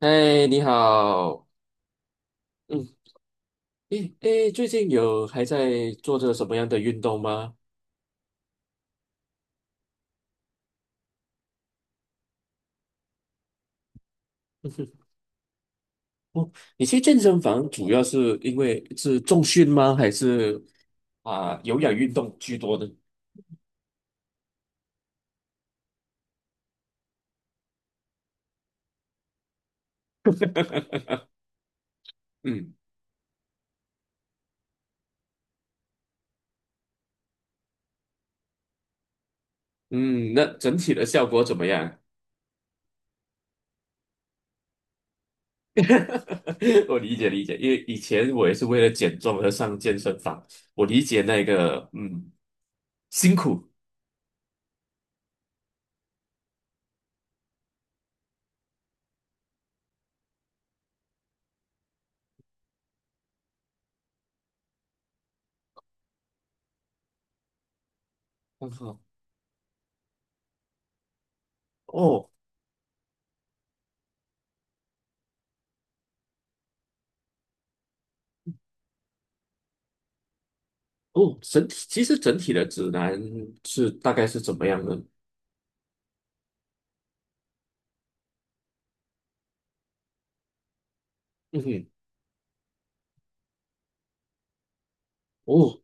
嗨，你好。嗯，诶诶，最近有还在做着什么样的运动吗？你去健身房主要是因为是重训吗？还是啊、有氧运动居多呢？嗯嗯，那整体的效果怎么样？我理解理解，因为以前我也是为了减重而上健身房，我理解那个辛苦。很好。哦哦，整体其实整体的指南是大概是怎么样的？嗯哼，哦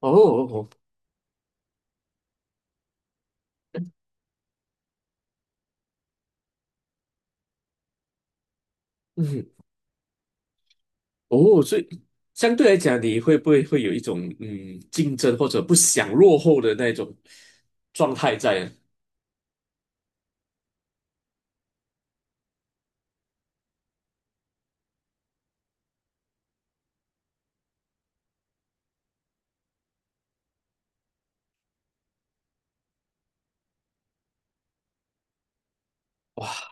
哦哦，哦，嗯，哦，所以相对来讲，你会不会有一种竞争或者不想落后的那种状态在？哇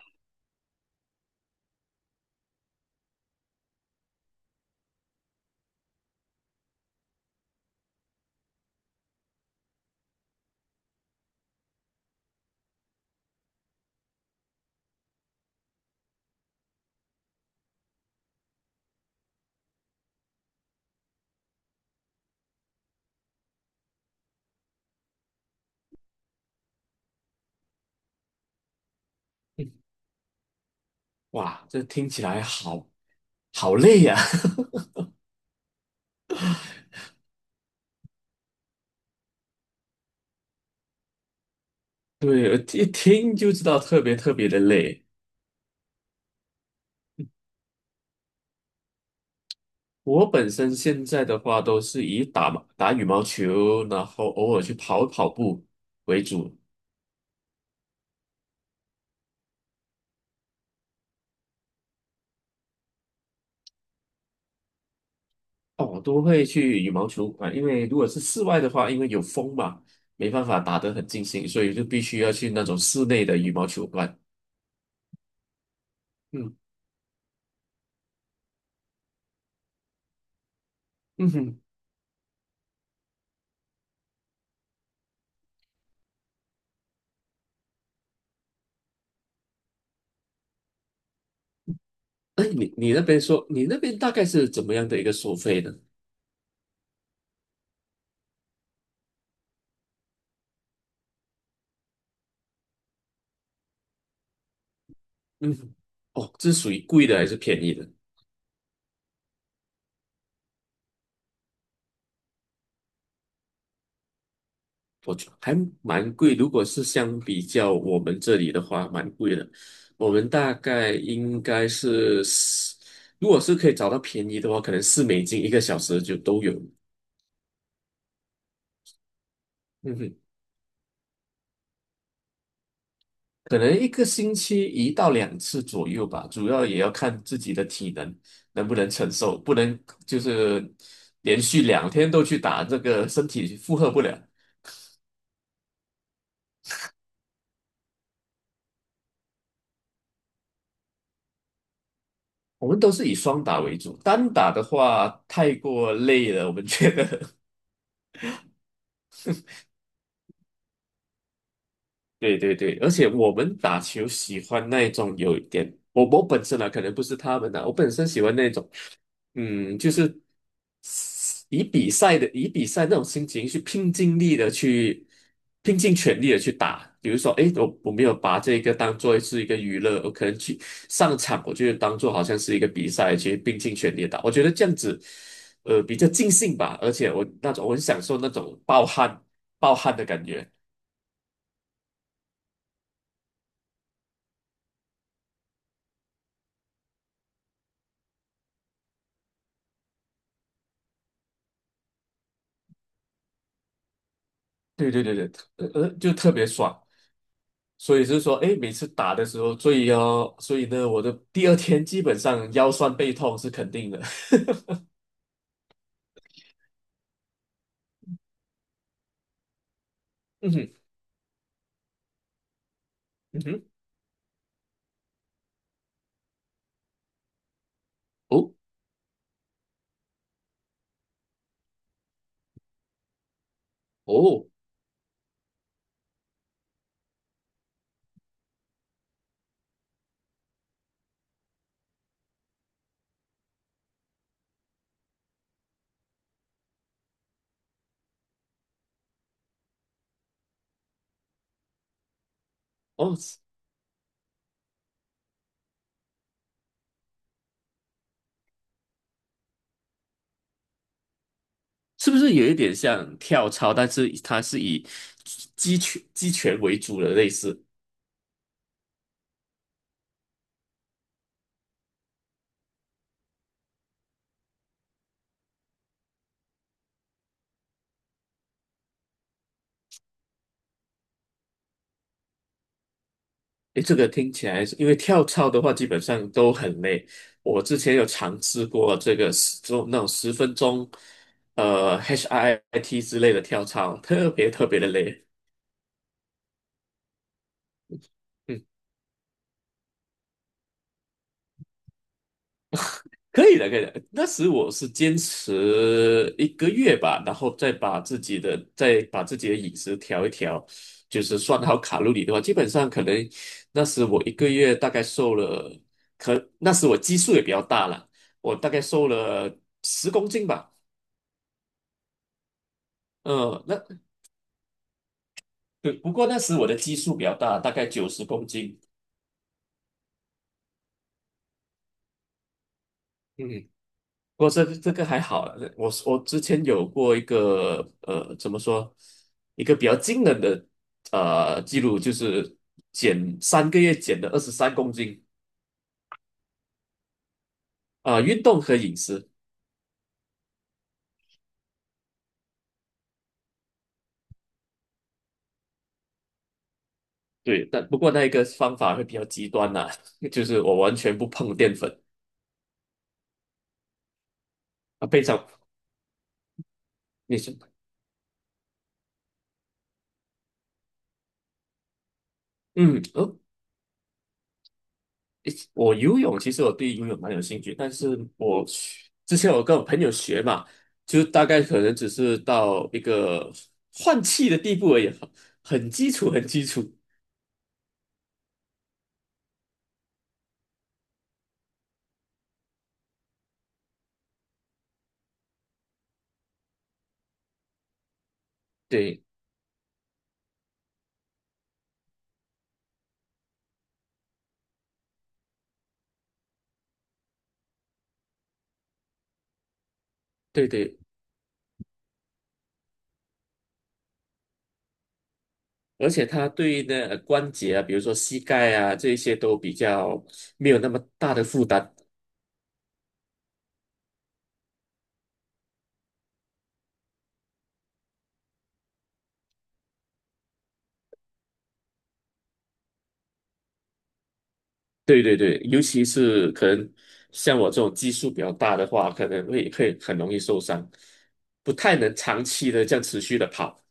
哇，这听起来好好累呀、对，一听就知道特别特别的累。我本身现在的话都是以打打羽毛球，然后偶尔去跑跑步为主。哦，我都会去羽毛球馆，因为如果是室外的话，因为有风嘛，没办法打得很尽兴，所以就必须要去那种室内的羽毛球馆。嗯嗯哼，哎，你那边说，你那边大概是怎么样的一个收费呢？嗯哼。哦，这是属于贵的还是便宜的？我觉得还蛮贵，如果是相比较我们这里的话，蛮贵的。我们大概应该是四，如果是可以找到便宜的话，可能四美金一个小时就都有。嗯哼。可能一个星期一到两次左右吧，主要也要看自己的体能能不能承受，不能就是连续两天都去打，这个身体负荷不了。我们都是以双打为主，单打的话太过累了，我们觉得。对对对，而且我们打球喜欢那种有一点，我本身啊，可能不是他们啊，我本身喜欢那种。嗯，就是以比赛那种心情去拼尽全力的去打。比如说，诶，我没有把这个当做是一个娱乐，我可能去上场，我就当做好像是一个比赛去拼尽全力地打。我觉得这样子，比较尽兴吧。而且我很享受那种暴汗暴汗的感觉。对对对对，就特别爽。所以就是说，哎，每次打的时候，所以呢，我的第二天基本上腰酸背痛是肯定的。嗯哼，嗯哼，哦哦哦，是不是有一点像跳操，但是它是以击拳击拳为主的类似？哎，这个听起来是，因为跳操的话基本上都很累。我之前有尝试过这个那种十分钟，HIIT 之类的跳操，特别特别的累。嗯。可以的，可以的。那时我是坚持一个月吧，然后再把自己的饮食调一调，就是算好卡路里的话，基本上可能那时我一个月大概瘦了，可那时我基数也比较大了，我大概瘦了十公斤吧。嗯，那对，不过那时我的基数比较大，大概90公斤。嗯，不过这个还好啦，我之前有过一个怎么说，一个比较惊人的记录，就是减3个月减了23公斤。啊、运动和饮食，对，但不过那一个方法会比较极端啦、就是我完全不碰淀粉啊，非常你是嗯哦我游泳其实我对游泳蛮有兴趣，但是我学之前我跟我朋友学嘛，就大概可能只是到一个换气的地步而已，很基础，很基础。对对对，而且它对那关节啊，比如说膝盖啊这一些都比较没有那么大的负担。对对对，尤其是可能像我这种基数比较大的话，可能会很容易受伤，不太能长期的这样持续的跑。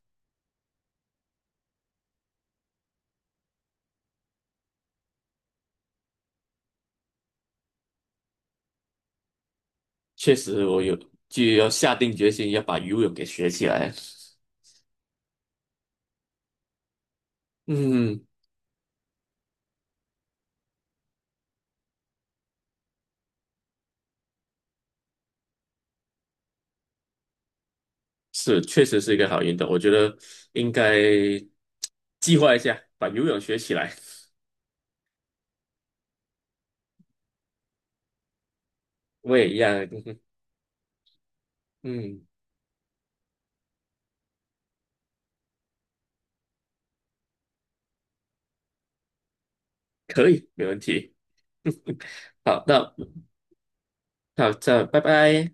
确实，我有就要下定决心要把游泳给学起来。嗯，是，确实是一个好运动，我觉得应该计划一下，把游泳学起来。我也一样，嗯，可以，没问题。好，那好，这拜拜。